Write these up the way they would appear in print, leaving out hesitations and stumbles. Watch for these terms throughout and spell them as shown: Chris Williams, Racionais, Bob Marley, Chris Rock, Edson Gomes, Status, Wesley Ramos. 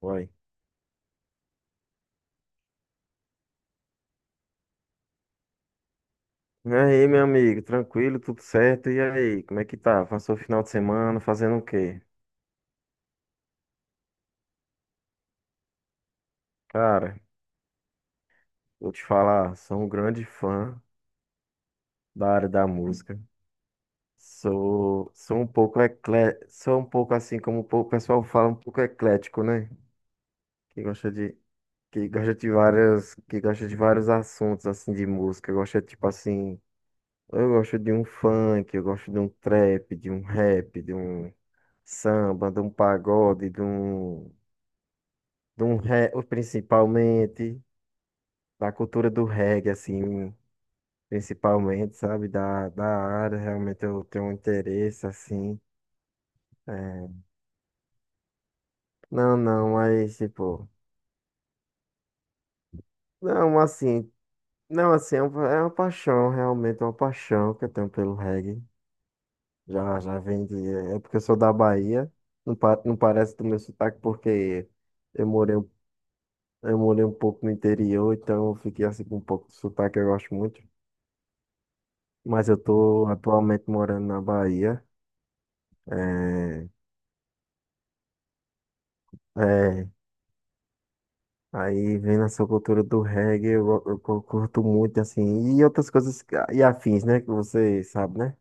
Uai. E aí, meu amigo, tranquilo, tudo certo? E aí, como é que tá? Passou o final de semana fazendo o quê? Cara, vou te falar, sou um grande fã da área da música. Sou um pouco sou um pouco assim como o pessoal fala, um pouco eclético, né? Que gosta de, que gosta de várias, que gosta de vários assuntos assim de música. Gosta tipo assim, eu gosto de um funk, eu gosto de um trap, de um rap, de um samba, de um pagode, principalmente da cultura do reggae, assim, principalmente, sabe, da área, realmente eu tenho um interesse, assim. É. Não, não, mas, tipo, não, assim, não, assim, é uma paixão, realmente, é uma paixão que eu tenho pelo reggae. Já, já vem de, é porque eu sou da Bahia, não, não parece do meu sotaque, porque eu morei, um- eu morei um pouco no interior, então eu fiquei, assim, com um pouco de sotaque, eu gosto muito. Mas eu tô atualmente morando na Bahia. É, é. Aí vem nessa cultura do reggae, eu curto muito, assim, e outras coisas e afins, né? Que você sabe, né?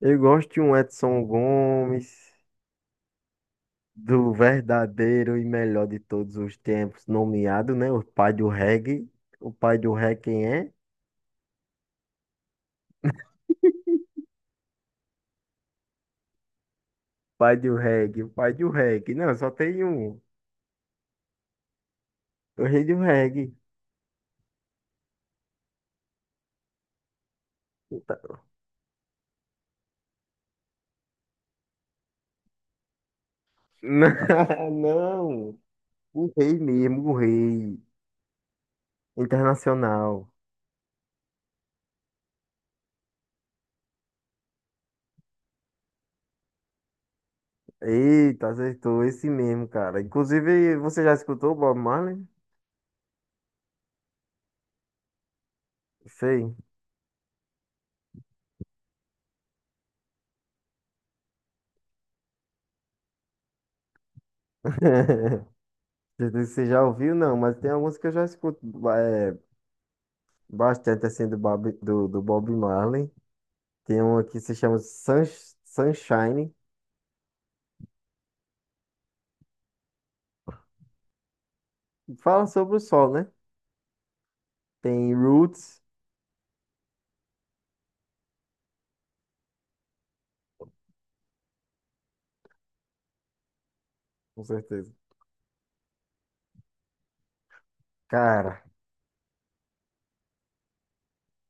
Eu gosto de um Edson Gomes, do verdadeiro e melhor de todos os tempos, nomeado, né? O pai do reggae. O pai do reggae quem é? Pai do reggae, o pai do reggae. Não, só tem um. O rei do reggae. Tá- Não, não. O rei mesmo, o rei internacional. Eita, acertou esse mesmo, cara. Inclusive, você já escutou o Bob Marley? Sei. Não sei se você já ouviu? Não, mas tem alguns que eu já escuto é, bastante assim do Bob, do Bob Marley. Tem uma que se chama Sunshine, que fala sobre o sol, né? Tem Roots, com certeza. Cara,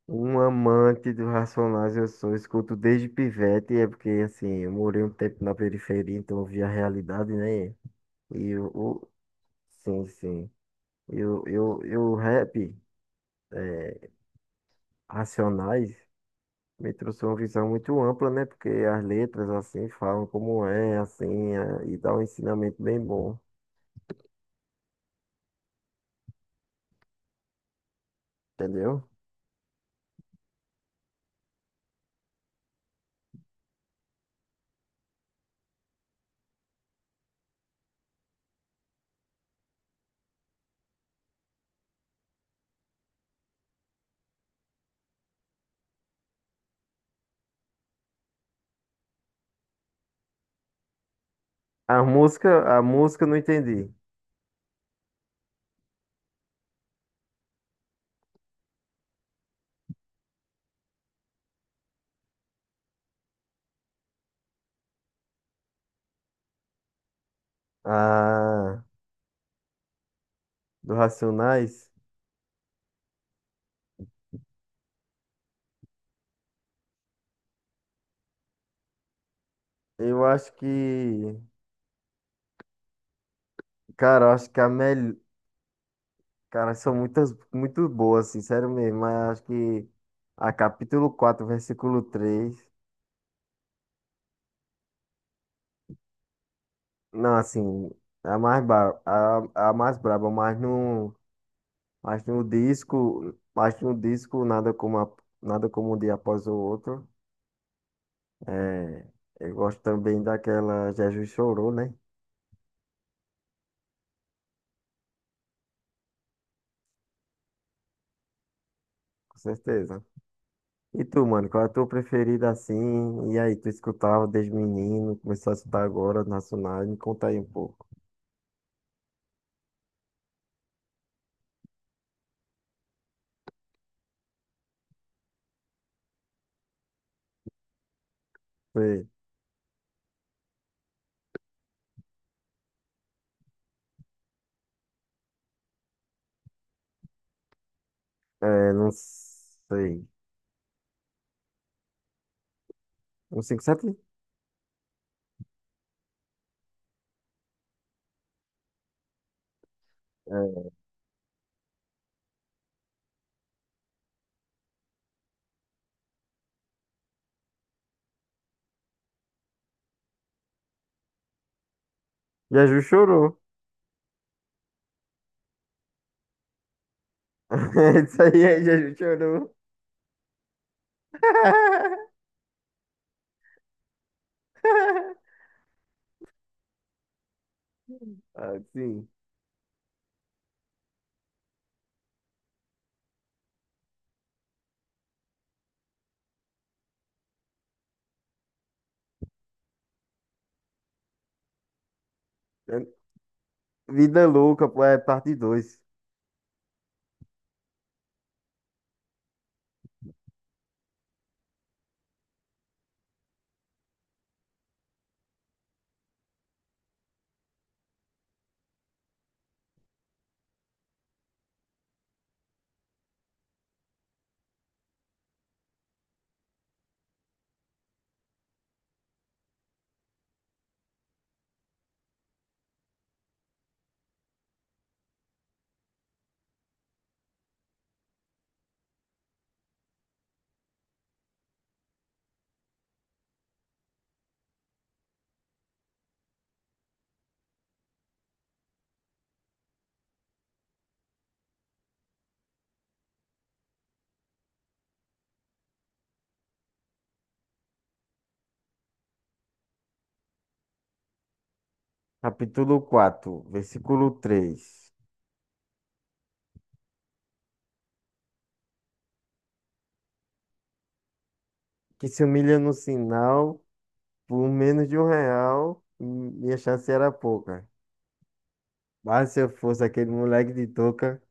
um amante do Racionais eu sou, escuto desde pivete, é porque assim, eu morei um tempo na periferia, então eu vi a realidade, né? E o, o- sim, sim. E o rap, é, Racionais, me trouxe uma visão muito ampla, né? Porque as letras, assim, falam como é, assim, é, e dá um ensinamento bem bom, entendeu? A música eu não entendi. A do Racionais, eu acho que, cara, eu acho que a melhor, cara, são muitas, muito boas, assim, sério mesmo, mas eu acho que a capítulo 4 versículo três. Não, assim, é a a mais braba, mas não. Acho no disco nada como nada como um dia após o outro. É, eu gosto também daquela Jesus Chorou, né? Com certeza. E tu, mano, qual é a tua preferida assim? E aí, tu escutava desde menino, começou a escutar agora, nacional, me conta aí um pouco. Sei. É, não sei. Um 57? É. Jesus chorou. Isso aí é Jesus chorou. Ah, sim. Vida louca, pô, é parte dois. Capítulo 4, versículo 3. Que se humilha no sinal por menos de um real, minha chance era pouca. Mas se eu fosse aquele moleque de touca,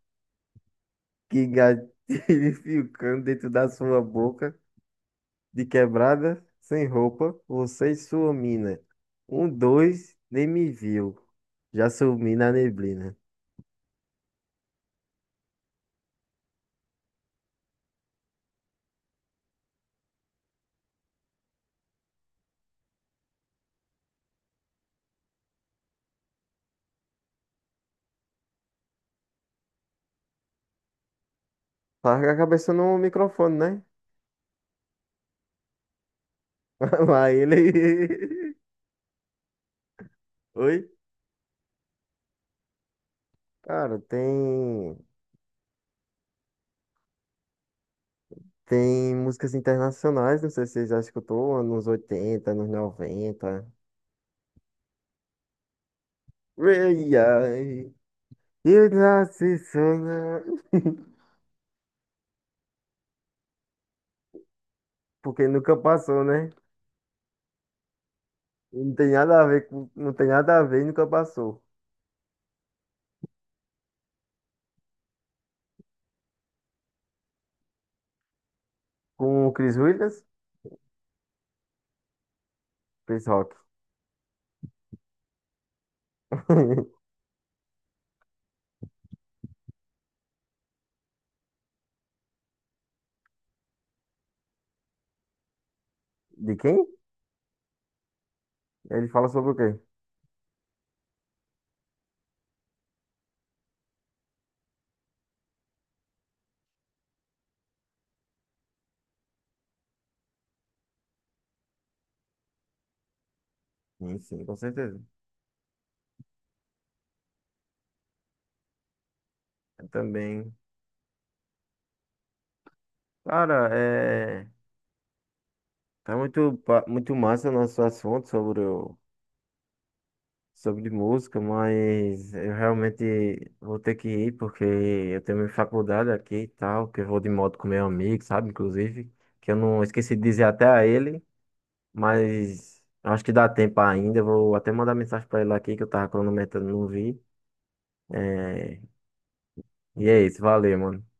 que gatilho ficando dentro da sua boca, de quebrada, sem roupa, você e sua mina. Um, dois, nem me viu. Já sumi na neblina. Larga a cabeça no microfone, né? Lá ele. Oi? Cara, tem. Tem músicas internacionais, não sei se você já escutou, anos 80, anos 90. Ei, ai, eu nasci sonhando. Porque nunca passou, né? Não tem nada a não tem nada a ver e nunca passou. Com o Chris Williams, Chris Rock. De quem? Ele fala sobre o quê? Sim, sim, com certeza. Eu também. Cara, é. Tá muito massa o nosso assunto sobre música, mas eu realmente vou ter que ir porque eu tenho minha faculdade aqui e tal, que eu vou de moto com meu amigo, sabe? Inclusive, que eu não esqueci de dizer até a ele, mas acho que dá tempo ainda. Eu vou até mandar mensagem pra ele aqui que eu tava cronometrando, não vi. É, e é isso, valeu, mano.